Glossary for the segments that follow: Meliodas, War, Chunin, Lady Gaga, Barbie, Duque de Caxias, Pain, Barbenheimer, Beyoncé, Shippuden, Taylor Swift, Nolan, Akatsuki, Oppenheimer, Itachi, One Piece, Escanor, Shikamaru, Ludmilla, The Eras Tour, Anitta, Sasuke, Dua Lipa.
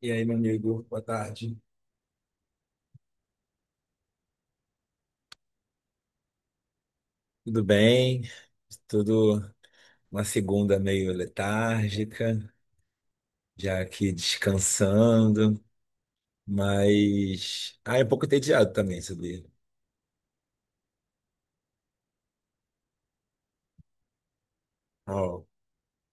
E aí, meu amigo, boa tarde. Tudo bem? Tudo Uma segunda meio letárgica, já aqui descansando, mas é um pouco entediado também, sabia? Ó,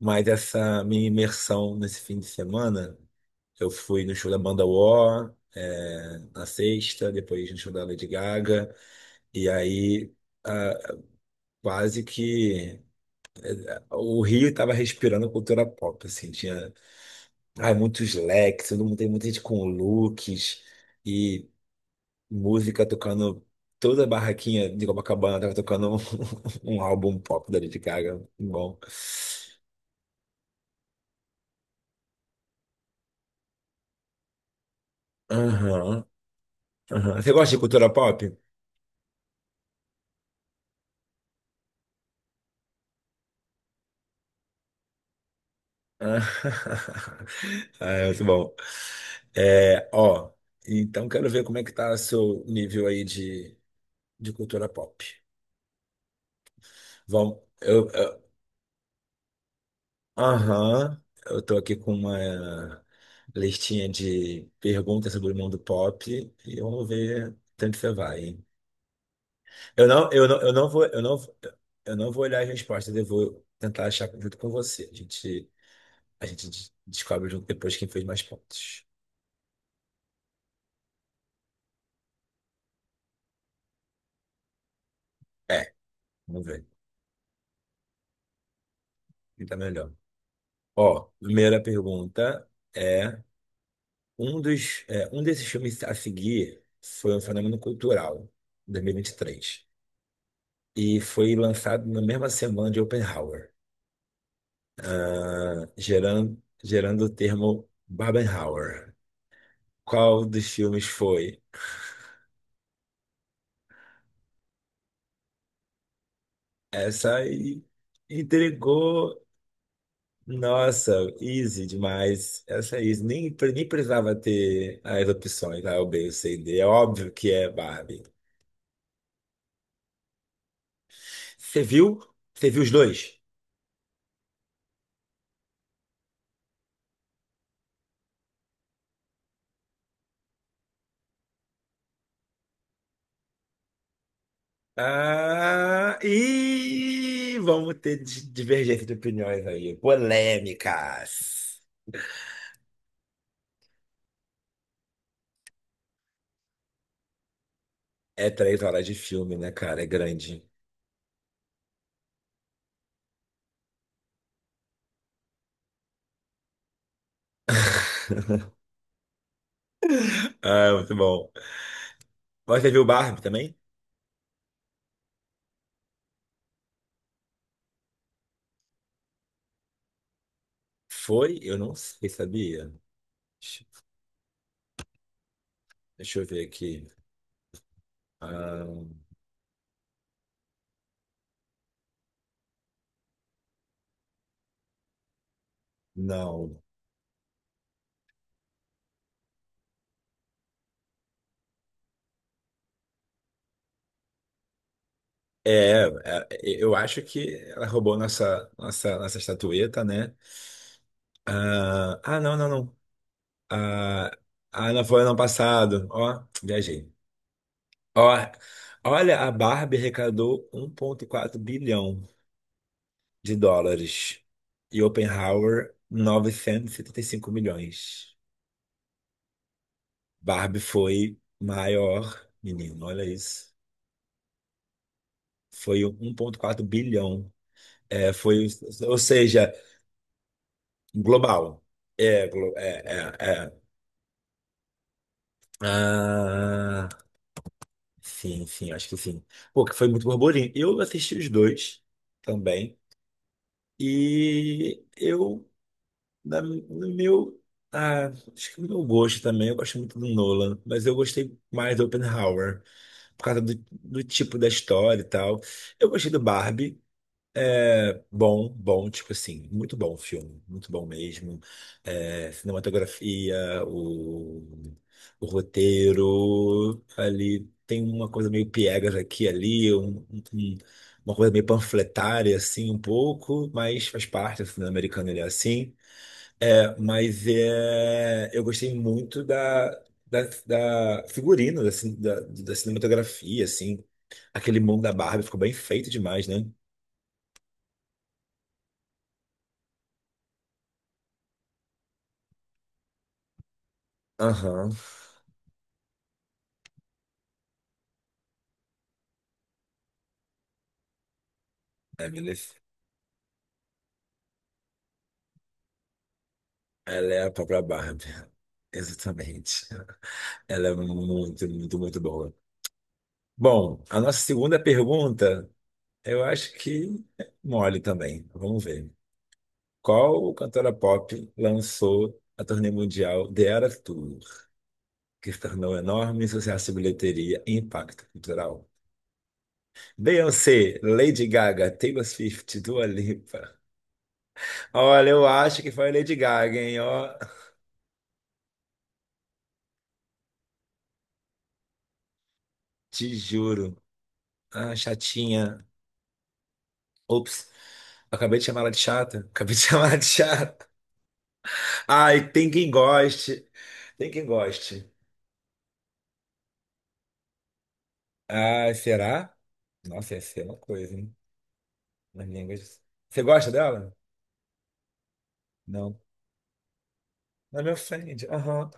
mas essa minha imersão nesse fim de semana, eu fui no show da banda War, é, na sexta, depois no show da Lady Gaga, e aí ah, quase que o Rio estava respirando cultura pop, assim, tinha, ai, muitos leques, todo mundo tem muita gente com looks e música tocando. Toda a barraquinha de Copacabana tava tocando um, um álbum pop da Lady Gaga. Bom. Aham, aham. Você gosta de cultura pop? Ah, ah, é muito bom. É, ó, então quero ver como é que tá seu nível aí de cultura pop. Vamos, aham, eu tô aqui com uma listinha de perguntas sobre o mundo pop e vamos ver tanto você vai, hein? Eu não, eu não, eu não vou, eu não, eu não vou olhar as respostas, eu vou tentar achar junto com você. A gente descobre junto depois quem fez mais pontos. É, vamos ver quem tá melhor. Ó, primeira pergunta é um desses filmes a seguir foi um fenômeno cultural, dois mil e vinte e três, e foi lançado na mesma semana de Oppenheimer, ah, gerando o termo Barbenheimer. Qual dos filmes foi? Essa aí intrigou. Nossa, easy demais. Essa é easy. Nem, nem precisava ter as opções, A, o B, o C e D. É óbvio que é Barbie. Você viu? Você viu os dois? Ah, e vamos ter divergência de opiniões aí. Polêmicas. É três horas de filme, né, cara? É grande. Ah, é muito bom. Você viu Barbie também? Foi? Eu não sei, sabia? Deixa deixa eu ver aqui. Ah, não. É, é, é, eu acho que ela roubou nossa estatueta, né? Ah, ah, não, não, não. Ah, ah, não foi ano passado. Ó, viajei. Ó, olha, a Barbie arrecadou 1,4 bilhão de dólares e Oppenheimer 975 milhões. Barbie foi maior, menino, olha isso. Foi 1,4 bilhão. É, foi, ou seja, global. É, é, é, é. Ah, sim, sim, acho que sim. Pô, que foi muito burburinho. Eu assisti os dois também. E eu Da, do meu, ah, acho que do meu gosto também, eu gosto muito do Nolan, mas eu gostei mais do Oppenheimer, por causa do tipo da história e tal. Eu gostei do Barbie, é bom, bom, tipo assim, muito bom o filme, muito bom mesmo. É, cinematografia, o roteiro, ali tem uma coisa meio piegas aqui e ali, um- uma coisa meio panfletária, assim, um pouco, mas faz parte, o cinema americano ele é assim. É, mas é, eu gostei muito da figurino, da cinematografia, assim. Aquele mundo da Barbie ficou bem feito demais, né? Aham, é beleza. Ela é a própria Barbie. Exatamente. Ela é muito, muito, muito boa. Bom, a nossa segunda pergunta, eu acho que é mole também. Vamos ver. Qual cantora pop lançou a turnê mundial The Eras Tour, que tornou enorme sucesso de bilheteria e impacto cultural? Beyoncé, Lady Gaga, Taylor Swift, Dua Lipa. Olha, eu acho que foi a Lady Gaga, hein? Ó, te juro. Ah, chatinha. Ops. Acabei de chamar ela de chata. Acabei de chamar ela de chata. Ai, tem quem goste. Tem quem goste. Ai, será? Nossa, ia ser uma coisa, hein? Nas línguas. Você gosta dela? Não. Não me ofende. Aham.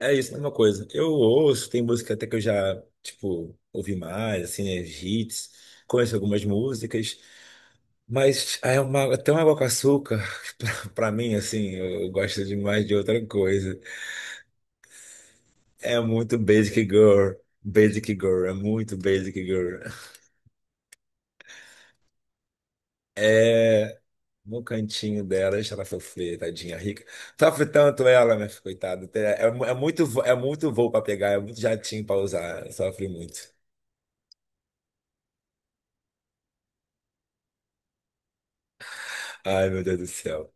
É isso, mesma coisa. Eu ouço, tem música até que eu já, tipo, ouvi mais, assim, né, hits, conheço algumas músicas, mas aí é uma, até uma água com açúcar, pra mim, assim, eu gosto demais de outra coisa. É muito Basic Girl, Basic Girl, é muito Basic Girl. É, no cantinho dela, deixa ela sofrer, tadinha rica. Sofre tanto ela, minha filha, coitada. É, é muito, é muito voo pra pegar, é muito jatinho pra usar, sofre muito. Ai, meu Deus do céu.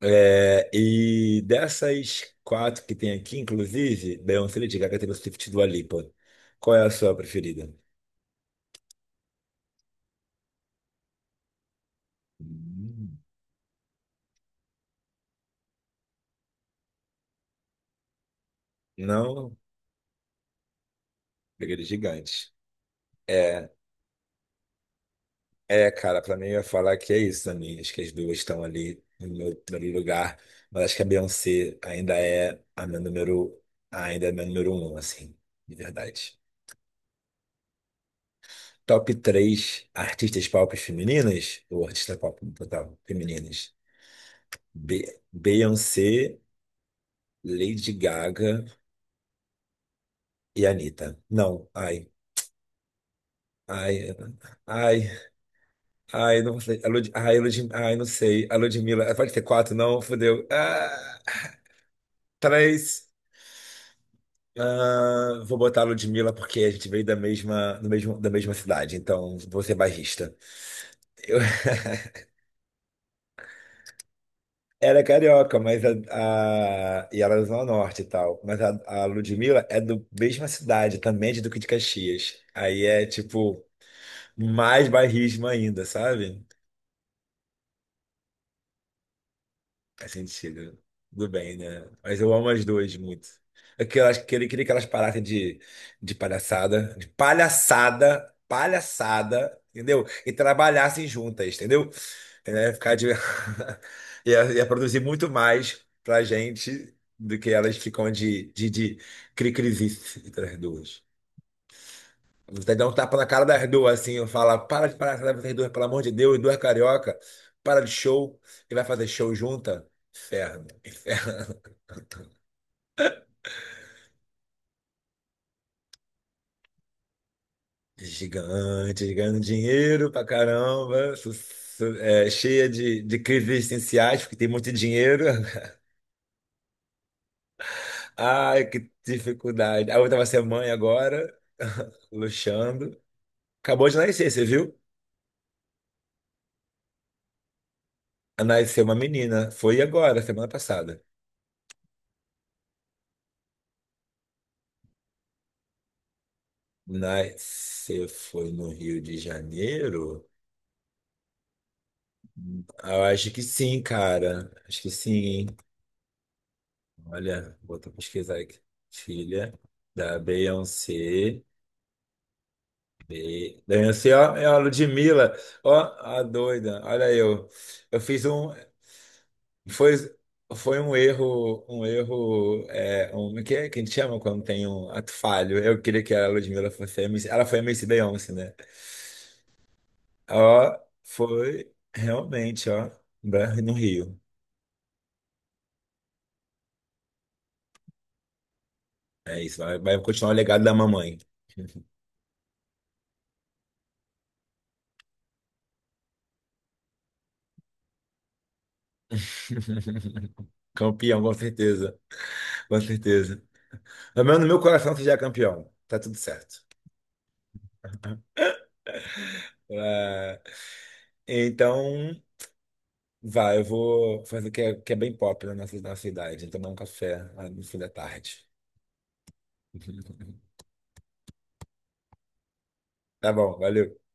É, e dessas quatro que tem aqui, inclusive, Beyoncé, Lady Gaga, Taylor Swift e Dua Lipa. Qual é a sua preferida? Hum. Não? Preferida gigante. É, é, cara, pra mim eu ia falar que é isso também. Acho que as duas estão ali no meu primeiro lugar. Mas acho que a Beyoncé ainda é a minha número, ainda é a minha número um, assim, de verdade. Top 3 artistas pop femininas ou artistas pop no total femininas? Be Beyoncé. Lady Gaga e Anitta. Não, ai. Ai, ai, ai, não sei. Ai, ai, não sei. A Ludmilla. Eh, pode ter quatro, não? Fudeu. Ah, três. Ah, vou botar a Ludmilla porque a gente veio da mesma cidade, então vou ser bairrista. Eu era carioca, mas e ela é do Zona Norte e tal. Mas a Ludmilla é da mesma cidade, também é de Duque de Caxias. Aí é tipo mais bairrismo ainda, sabe? Faz sentido. Tudo bem, né? Mas eu amo as duas muito. Aquelas, queria que elas parassem de palhaçada, de palhaçada, palhaçada, entendeu? E trabalhassem juntas, entendeu? É, ficar de... ia produzir muito mais pra gente do que elas ficam de cri-crizice entre as duas. Você dá um tapa na cara das duas, assim, eu falo, para de parar com essas duas, pelo amor de Deus, duas carioca, para de show, e vai fazer show junta? Inferno, inferno. Gigante, ganhando dinheiro pra caramba, é, cheia de crises existenciais, porque tem muito dinheiro. Ai, que dificuldade. A outra vai ser mãe agora, luxando. Acabou de nascer, você viu? Nasceu uma menina, foi agora, semana passada. Nasceu, foi no Rio de Janeiro? Ah, eu acho que sim, cara. Acho que sim, hein? Olha, vou até pesquisar aqui. Filha da Beyoncé. Beyoncé, ó, é a Ludmilla. Ó, a doida. Olha eu. Eu fiz um. Foi, foi um erro. Um erro. É, um, que, é que a gente chama quando tem um ato falho? Eu queria que a Ludmilla fosse a MC. Ela foi a MC Beyoncé, né? Ó, foi realmente, ó. No Rio. É isso. Vai, vai continuar o legado da mamãe. Campeão, com certeza. Com certeza. Pelo menos no meu coração você já é campeão. Tá tudo certo. É, então, vai, eu vou fazer o que é bem pop na nossa idade. Tomar um café lá no fim da tarde. Tá bom, valeu.